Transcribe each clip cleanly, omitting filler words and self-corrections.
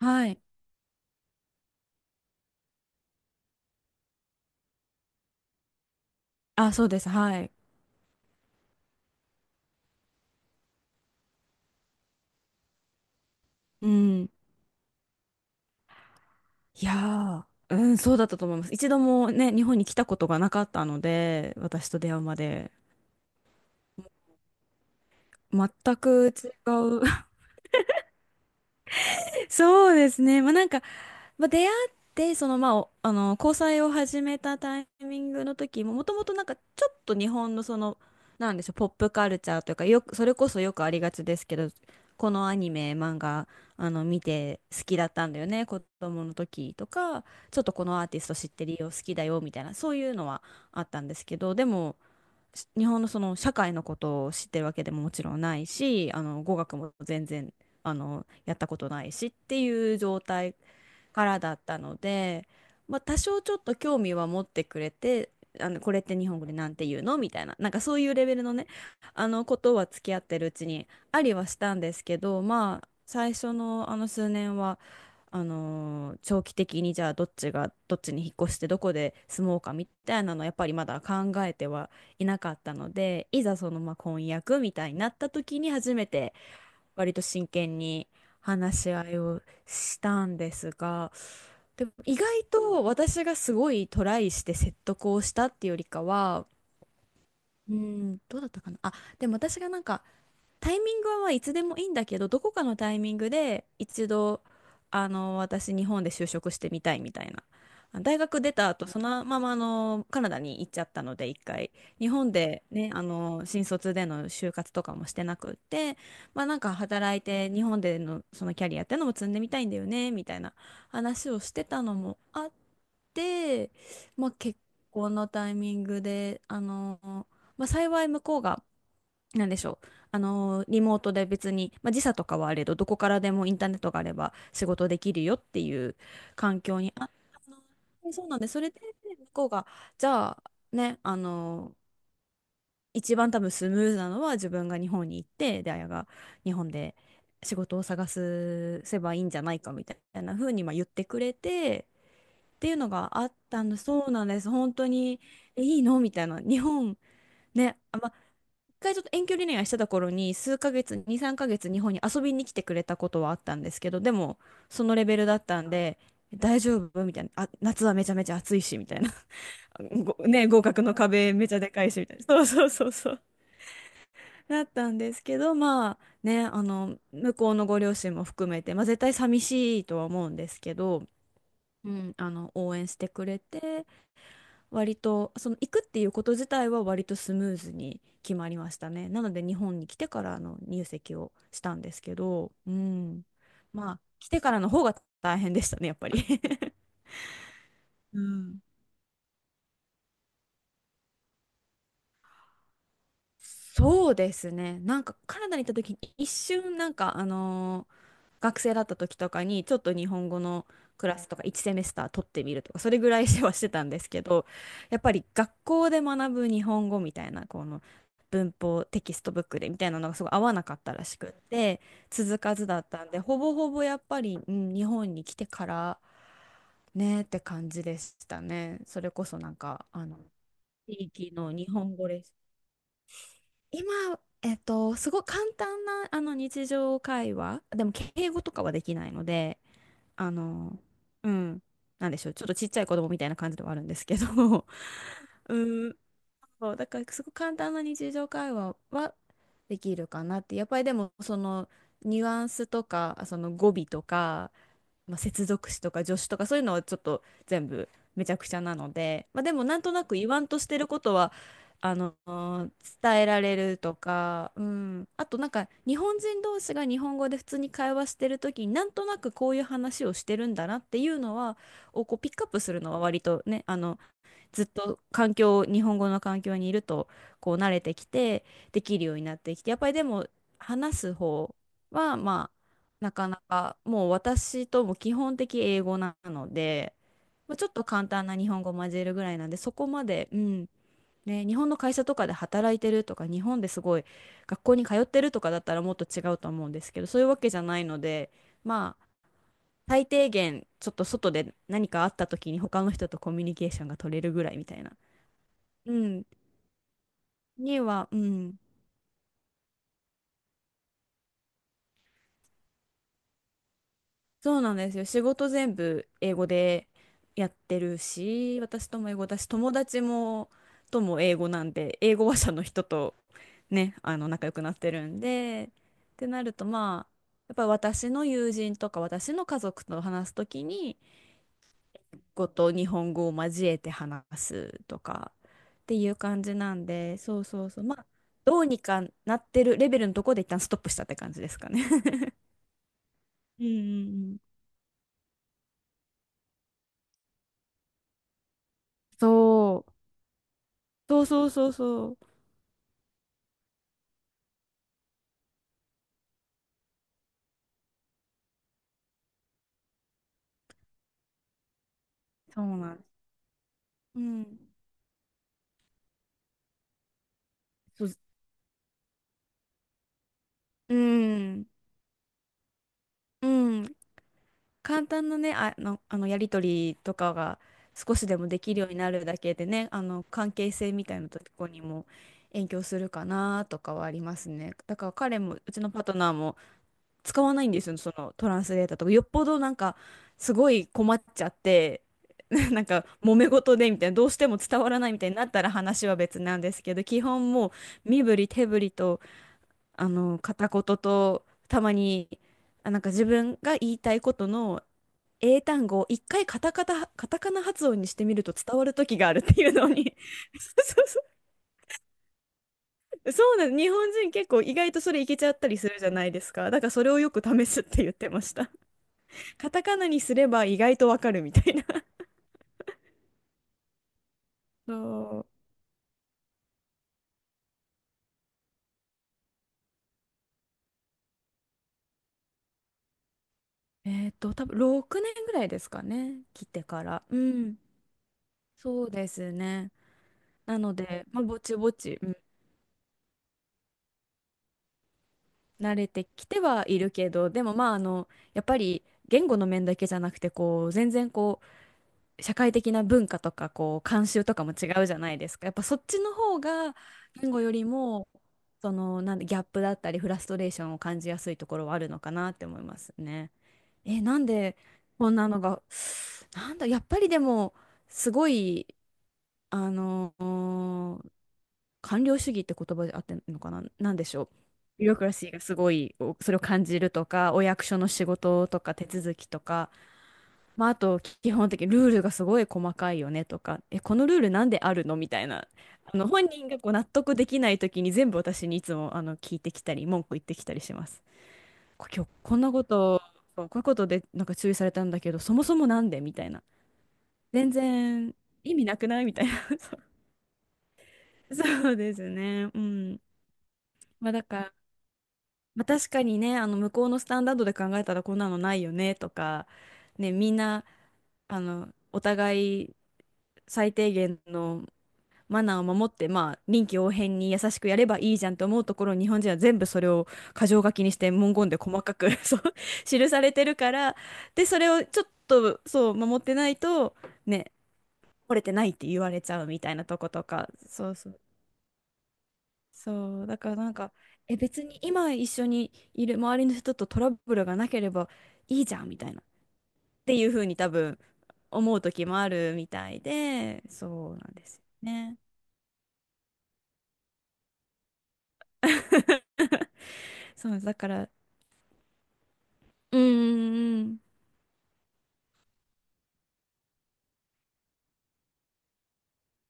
はい。あ、そうです。はい。うん。いやそうだったと思います。一度もね、日本に来たことがなかったので、私と出会うまで。全く違う。そうですね。出会って、その、まあ、おあの、交際を始めたタイミングの時も、もともとなんかちょっと日本のその、なんでしょう、ポップカルチャーというか、よく、それこそよくありがちですけど、このアニメ、漫画、あの、見て好きだったんだよね、子供の時とか、ちょっとこのアーティスト知ってるよ、好きだよ、みたいな、そういうのはあったんですけど、でも、日本のその社会のことを知ってるわけでももちろんないし、あの、語学も全然、あの、やったことないしっていう状態からだったので、まあ、多少ちょっと興味は持ってくれて、あのこれって日本語でなんて言うのみたいな、なんかそういうレベルのね、あのことは付き合ってるうちにありはしたんですけど、まあ最初のあの数年は、長期的にじゃあどっちがどっちに引っ越してどこで住もうかみたいなのはやっぱりまだ考えてはいなかったので、いざそのまあ婚約みたいになった時に初めて割と真剣に話し合いをしたんですが、でも意外と私がすごいトライして説得をしたっていうよりかは、うん、どうだったかな。あ、でも私がなんかタイミングはまあいつでもいいんだけど、どこかのタイミングで一度、あの、私日本で就職してみたいみたいな。大学出た後、そのままあの、カナダに行っちゃったので、一回。日本でね、あの、新卒での就活とかもしてなくって、まあなんか働いて日本でのそのキャリアってのも積んでみたいんだよね、みたいな話をしてたのもあって、まあ結婚のタイミングで、あの、まあ幸い向こうが、なんでしょう。リモートで別に、まあ、時差とかはあれど、どこからでもインターネットがあれば仕事できるよっていう環境に、そうなんで、それで、向こうが、じゃあ、ね、一番多分スムーズなのは自分が日本に行って、で、あやが日本で仕事を探すせばいいんじゃないかみたいな風にまあ言ってくれて、っていうのがあったんで、そうなんです。本当に、えいいのみたいな。日本、ね、あ、まあ回ちょっと遠距離恋愛してた頃に数ヶ月、2、3ヶ月日本に遊びに来てくれたことはあったんですけど、でもそのレベルだったんで、大丈夫みたいな。あ、夏はめちゃめちゃ暑いし、みたいな。ごね、合格の壁めちゃでかいし、みたいな。そうそうそうそう。だったんですけど、まあね、あの、向こうのご両親も含めて、まあ絶対寂しいとは思うんですけど、うん、あの、応援してくれて、割と、その行くっていうこと自体は割とスムーズに決まりましたね。なので日本に来てからの入籍をしたんですけど、うん。まあ、来てからの方が大変でしたね、やっぱり。そうですね。なんかカナダに行った時に一瞬なんかあの学生だった時とかにちょっと日本語のクラスとか1セメスター取ってみるとかそれぐらいはしてたんですけど、やっぱり学校で学ぶ日本語みたいなこの文法テキストブックでみたいなのがすごい合わなかったらしくって、続かずだったんで、ほぼほぼやっぱり、うん、日本に来てからねって感じでしたね。それこそなんかあの地域の日本語レッスン今、えっと、すごい簡単なあの日常会話でも敬語とかはできないので、あの、うん、なんでしょう、ちょっとちっちゃい子供みたいな感じではあるんですけど、うん、そう、だからすごく簡単な日常会話はできるかなって。やっぱりでもそのニュアンスとか、その語尾とか、まあ、接続詞とか助詞とかそういうのはちょっと全部めちゃくちゃなので、まあ、でもなんとなく言わんとしてることはあの伝えられるとか、うん、あとなんか日本人同士が日本語で普通に会話してる時になんとなくこういう話をしてるんだなっていうのはをこうピックアップするのは割とね、あのずっと環境、日本語の環境にいるとこう慣れてきてできるようになってきて、やっぱりでも話す方はまあなかなかもう私とも基本的英語なので、まあ、ちょっと簡単な日本語混ぜるぐらいなんでそこまで、うん、ね、日本の会社とかで働いてるとか日本ですごい学校に通ってるとかだったらもっと違うと思うんですけど、そういうわけじゃないので、まあ最低限ちょっと外で何かあった時に他の人とコミュニケーションが取れるぐらいみたいな、うん。には、うん。そうなんですよ。仕事全部英語でやってるし、私とも英語だし、友達も、とも英語なんで、英語話者の人とね、あの、仲良くなってるんで、ってなると、まあ、やっぱり私の友人とか私の家族と話すときに、語と日本語を交えて話すとかっていう感じなんで、そうそうそう、まあ、どうにかなってるレベルのところで一旦ストップしたって感じですかね。うんうんうん、そう。そうそうそうそう。そうなんです。うん。そう、うん。うん。簡単なね、あのやりとりとかが少しでもできるようになるだけでね、あの関係性みたいなとこにも影響するかなとかはありますね。だから彼も、うちのパートナーも使わないんですよ、そのトランスレーターとか。よっぽどなんか、すごい困っちゃって、なんか、揉め事でみたいな、どうしても伝わらないみたいになったら話は別なんですけど、基本もう、身振り手振りと、あの、片言と、たまに、あ、なんか自分が言いたいことの英単語を一回カタカナ発音にしてみると伝わる時があるっていうのに。 そうそうそそうなんです。日本人結構意外とそれいけちゃったりするじゃないですか。だからそれをよく試すって言ってました。カタカナにすれば意外とわかるみたいな。 そう。えっと、多分6年ぐらいですかね。来てから。うん。そうですね。なので、まあ、ぼちぼち、うん、慣れてきてはいるけど、でもまあ、あの、やっぱり言語の面だけじゃなくて、こう、全然社会的な文化とかこう慣習とかも違うじゃないですか。やっぱそっちの方が言語よりもそのなんでギャップだったりフラストレーションを感じやすいところはあるのかなって思いますね。なんでこんなのが、なんだ、やっぱりでもすごい、あの官僚主義って言葉で合ってんのかな、なんでしょう。ビュロクラシーがすごいおそれを感じるとかお役所の仕事とか手続きとか、まあ、あと基本的にルールがすごい細かいよねとか、このルールなんであるのみたいな、本人がこう納得できない時に全部私にいつも聞いてきたり、文句言ってきたりします。今日こんなこと、そうこういうことでなんか注意されたんだけど、そもそもなんでみたいな。全然意味なくないみたいな。そうそうですね。うん。まあだから、まあ、確かにね、向こうのスタンダードで考えたらこんなのないよねとか、ね、みんな、お互い最低限のマナーを守って、まあ、臨機応変に優しくやればいいじゃんと思うところ、日本人は全部それを箇条書きにして文言で細かく そう記されてるから、で、それをちょっとそう守ってないと、ね、折れてないって言われちゃうみたいなとことか、そうそう、そう、だからなんか、別に今一緒にいる周りの人とトラブルがなければいいじゃんみたいな、っていうふうに多分思う時もあるみたいで、そうなんですよね。そう、だから、うーん。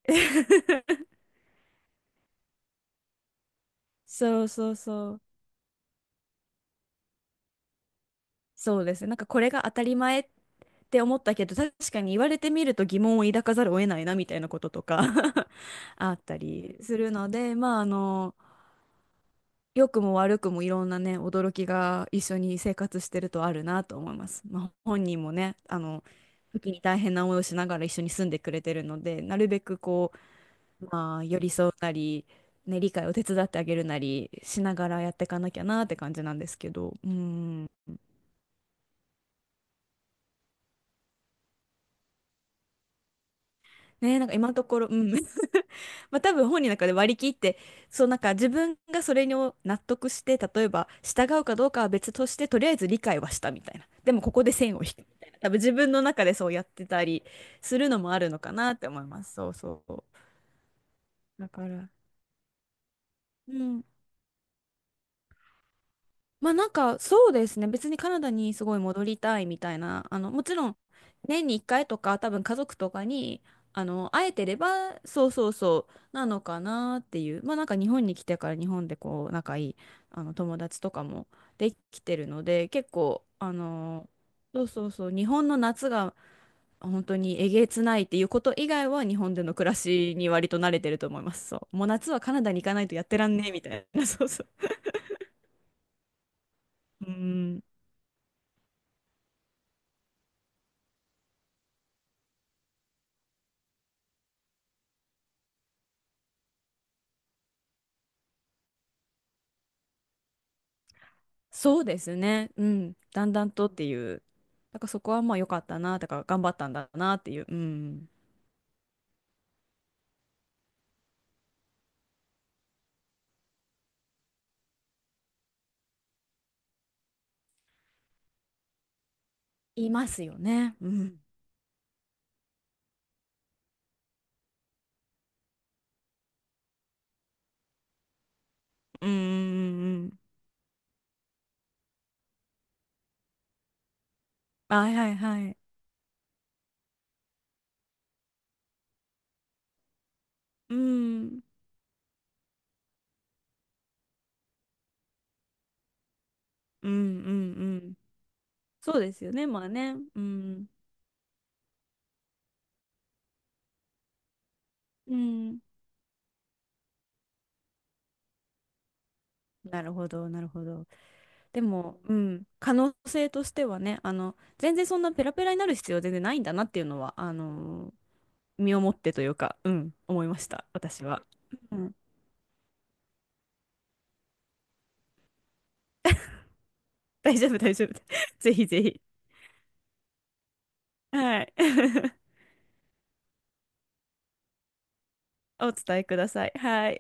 そうそうそう。そうですね。なんかこれが当たり前って思ったけど、確かに言われてみると疑問を抱かざるを得ないなみたいなこととか あったりするので、まあ良くも悪くもいろんなね、驚きが一緒に生活してるとあるなと思います。まあ、本人もね、時に大変な思いをしながら一緒に住んでくれてるので、なるべくこう、まあ、寄り添うなり、ね、理解を手伝ってあげるなりしながらやっていかなきゃなって感じなんですけど、うん。ねえ、なんか今のところ、うん。まあ多分本人の中で割り切って、そうなんか自分がそれに納得して、例えば従うかどうかは別として、とりあえず理解はしたみたいな。でもここで線を引くみたいな。多分自分の中でそうやってたりするのもあるのかなって思います。そうそう。だから、うん。まあなんかそうですね。別にカナダにすごい戻りたいみたいな、もちろん年に1回とか多分家族とかに、会えてれば、そうそうそう、なのかなっていう。まあなんか日本に来てから日本でこう仲いい、友達とかもできてるので、結構、そうそうそう、日本の夏が本当にえげつないっていうこと以外は日本での暮らしに割と慣れてると思います。そう。もう夏はカナダに行かないとやってらんねえみたいな。そうそう。うん。そうですね。うん。だんだんとっていう。だからそこはまあ良かったな、だから頑張ったんだなっていう。うん。いますよね。うん。うんうんうん。はいはいはい。うん。うんうんうん。そうですよね。まあね。うん。うん。なるほど、なるほど。でも、うん。可能性としてはね、全然そんなペラペラになる必要は全然ないんだなっていうのは、身をもってというか、うん、思いました、私は。うん 大丈夫、大丈夫。ぜひぜひ。はい。お伝えください。はい。